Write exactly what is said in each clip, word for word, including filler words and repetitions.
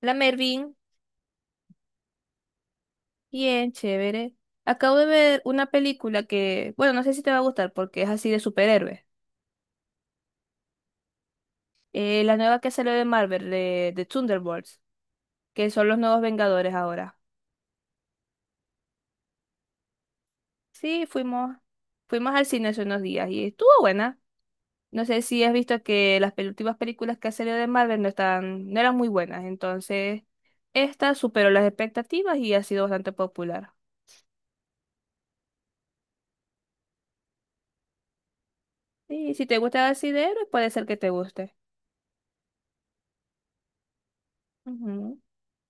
La Mervin, bien chévere. Acabo de ver una película que, bueno, no sé si te va a gustar porque es así de superhéroes. Eh, la nueva que salió de Marvel, de, de Thunderbolts, que son los nuevos Vengadores ahora. Sí, fuimos, fuimos al cine hace unos días y estuvo buena. No sé si has visto que las pel- últimas películas que ha salido de Marvel no están, no eran muy buenas, entonces esta superó las expectativas y ha sido bastante popular. Sí, si te gusta así de héroes, puede ser que te guste. Ujú.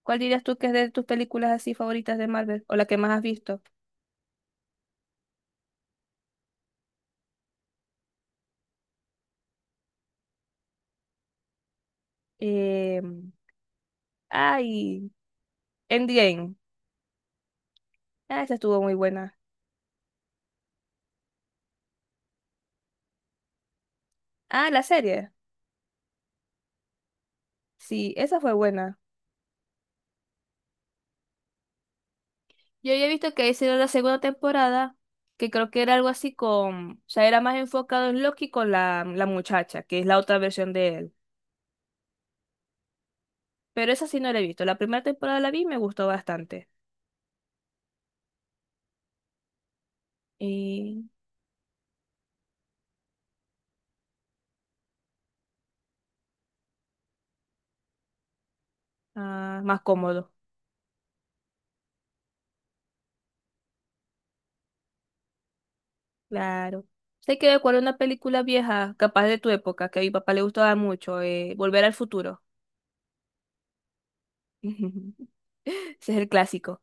¿Cuál dirías tú que es de tus películas así favoritas de Marvel o la que más has visto? Eh, ay, Endgame. Ah, esa estuvo muy buena. Ah, la serie. Sí, esa fue buena. Yo ya he visto que hicieron la segunda temporada, que creo que era algo así con, o sea, era más enfocado en Loki con la, la muchacha, que es la otra versión de él. Pero esa sí no la he visto. La primera temporada la vi y me gustó bastante. Y ah, más cómodo. Claro. Sé que recuerdo una película vieja, capaz de tu época, que a mi papá le gustaba mucho, eh, Volver al futuro. Ese es el clásico.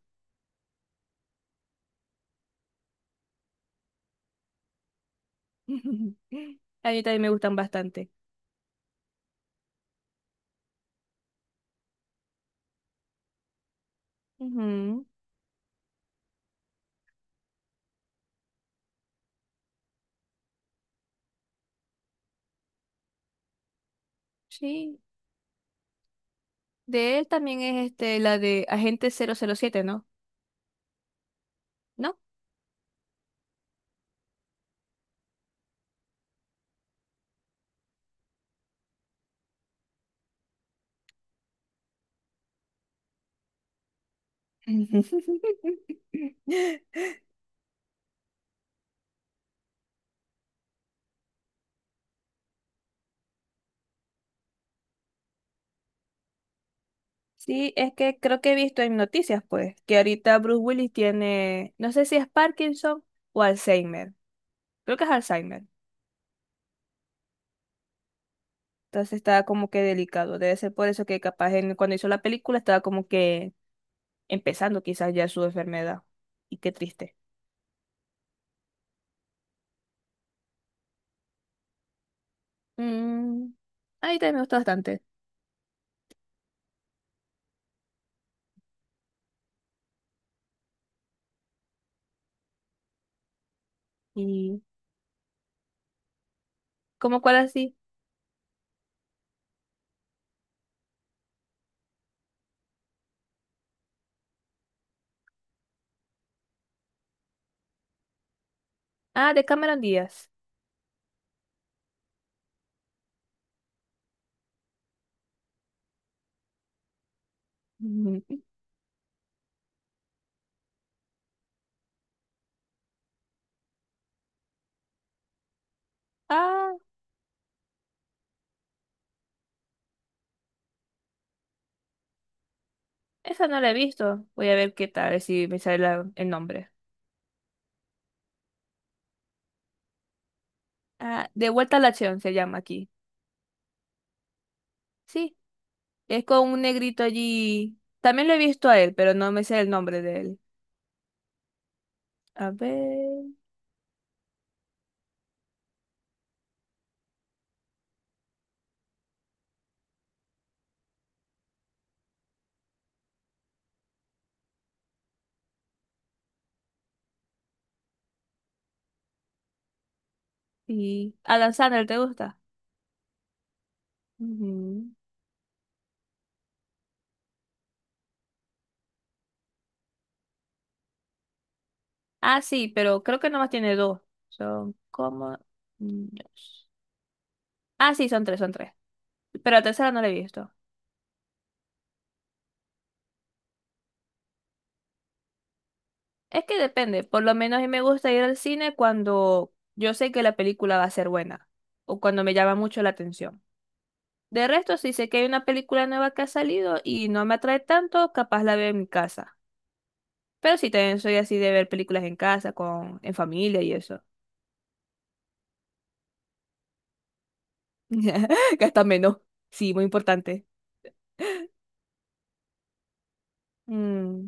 A mí también me gustan bastante. Ujú, sí. De él también es este, la de Agente cero cero siete, ¿no? ¿No? Sí, es que creo que he visto en noticias, pues, que ahorita Bruce Willis tiene, no sé si es Parkinson o Alzheimer. Creo que es Alzheimer. Entonces estaba como que delicado. Debe ser por eso que capaz en- cuando hizo la película estaba como que empezando quizás ya su enfermedad. Y qué triste. Mm, ahí también me gustó bastante. ¿Y como cuál así? Ah, de Cameron Díaz. Mm, ah, esa no la he visto. Voy a ver qué tal, a ver si me sale la- el nombre. Ah, De vuelta a la acción se llama aquí. Sí, es con un negrito allí. También lo he visto a él, pero no me sé el nombre de él. A ver. Y Adam Sandler, ¿te gusta? Ujú. Ah, sí, pero creo que nomás tiene dos. Son como... mm, dos. Ah, sí, son tres, son tres. Pero la tercera no la he visto. Es que depende. Por lo menos a mí me gusta ir al cine cuando yo sé que la película va a ser buena o cuando me llama mucho la atención. De resto, si sé que hay una película nueva que ha salido y no me atrae tanto, capaz la veo en mi casa. Pero sí, también soy así de ver películas en casa, con, en familia y eso. Gasta menos. Sí, muy importante. Mm,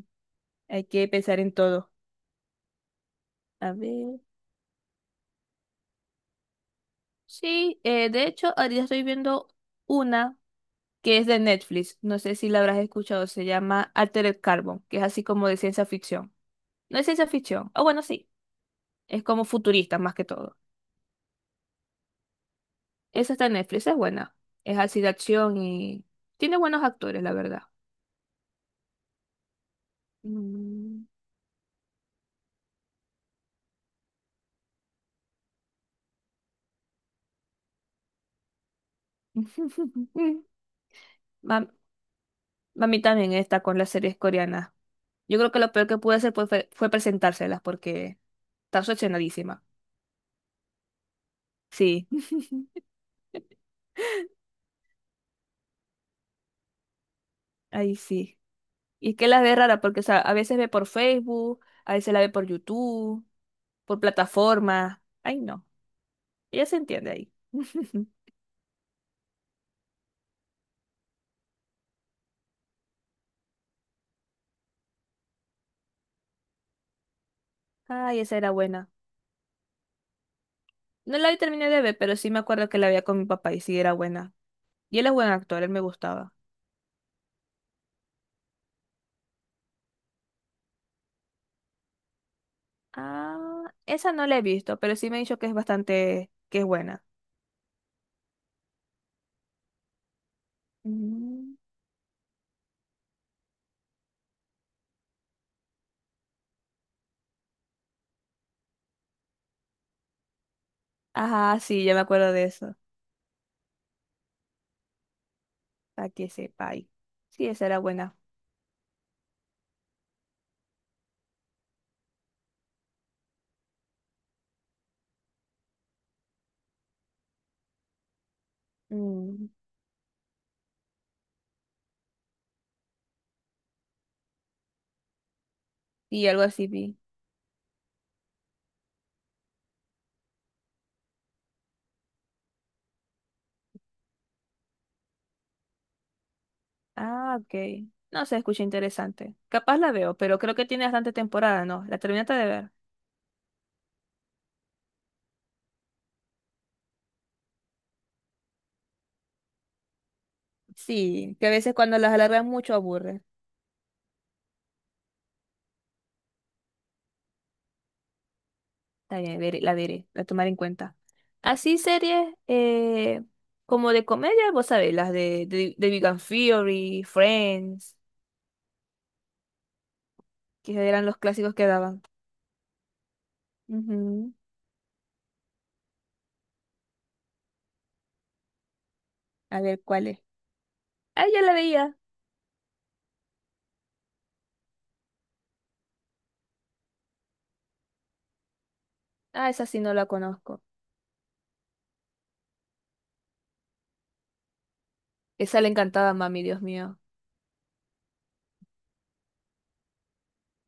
hay que pensar en todo. A ver. Sí, eh, de hecho, ahorita estoy viendo una que es de Netflix. No sé si la habrás escuchado. Se llama Altered Carbon, que es así como de ciencia ficción. No es ciencia ficción. O bueno, sí. Es como futurista más que todo. Esa está en Netflix, es buena. Es así de acción y tiene buenos actores, la verdad. Mm. Mam- Mami también está con las series coreanas. Yo creo que lo peor que pude hacer pues, fue, fue presentárselas porque está obsesionadísima. Sí. Ahí sí. Y es que la ve rara porque, o sea, a veces ve por Facebook, a veces la ve por YouTube, por plataformas. Ay, no. Ella se entiende ahí. Ay, esa era buena. No la vi terminé de ver, pero sí me acuerdo que la veía con mi papá y sí era buena. Y él es buen actor, él me gustaba. Ah, esa no la he visto, pero sí me ha dicho que es bastante, que es buena. Mm. Ajá, sí, ya me acuerdo de eso. Para que sepa ahí. Sí, esa era buena. Mm, y algo así vi. Ah, ok. No se escucha interesante. Capaz la veo, pero creo que tiene bastante temporada, ¿no? ¿La terminaste de ver? Sí, que a veces cuando las alargan mucho aburre. Está bien, veré- la veré, la tomaré en cuenta. Así series eh, como de comedia, vos sabés, las de, de, de Big Bang Theory, Friends, que eran los clásicos que daban. Ujú. A ver, ¿cuál es? Ah, ya la veía. Ah, esa sí no la conozco. Esa le encantaba a mami, Dios mío.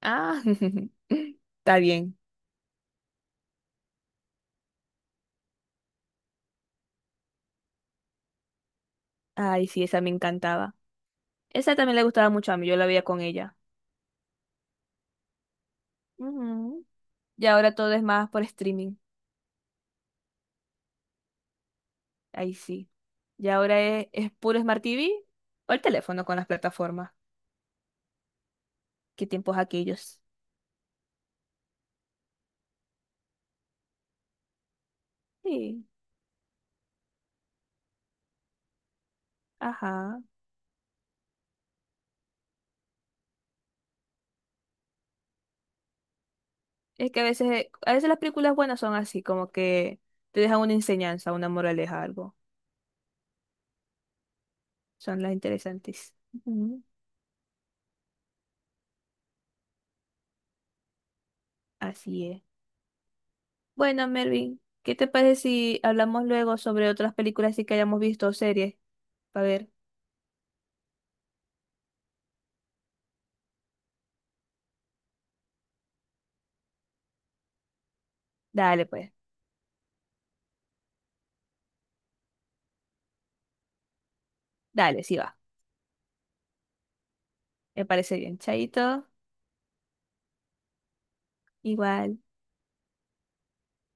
Ah, está bien. Ay, sí, esa me encantaba. Esa también le gustaba mucho a mí, yo la veía con ella. Ujú. Y ahora todo es más por streaming, ahí sí. Y ahora es, es puro Smart T V o el teléfono con las plataformas. ¿Qué tiempos aquellos? Sí, ajá. Es que a veces, a veces las películas buenas son así, como que te dejan una enseñanza, una moraleja, algo. Son las interesantes. Ujú, así es. Bueno, Mervin, ¿qué te parece si hablamos luego sobre otras películas así que hayamos visto o series? A ver, dale pues, dale, sí va. Me parece bien. Chaito, igual.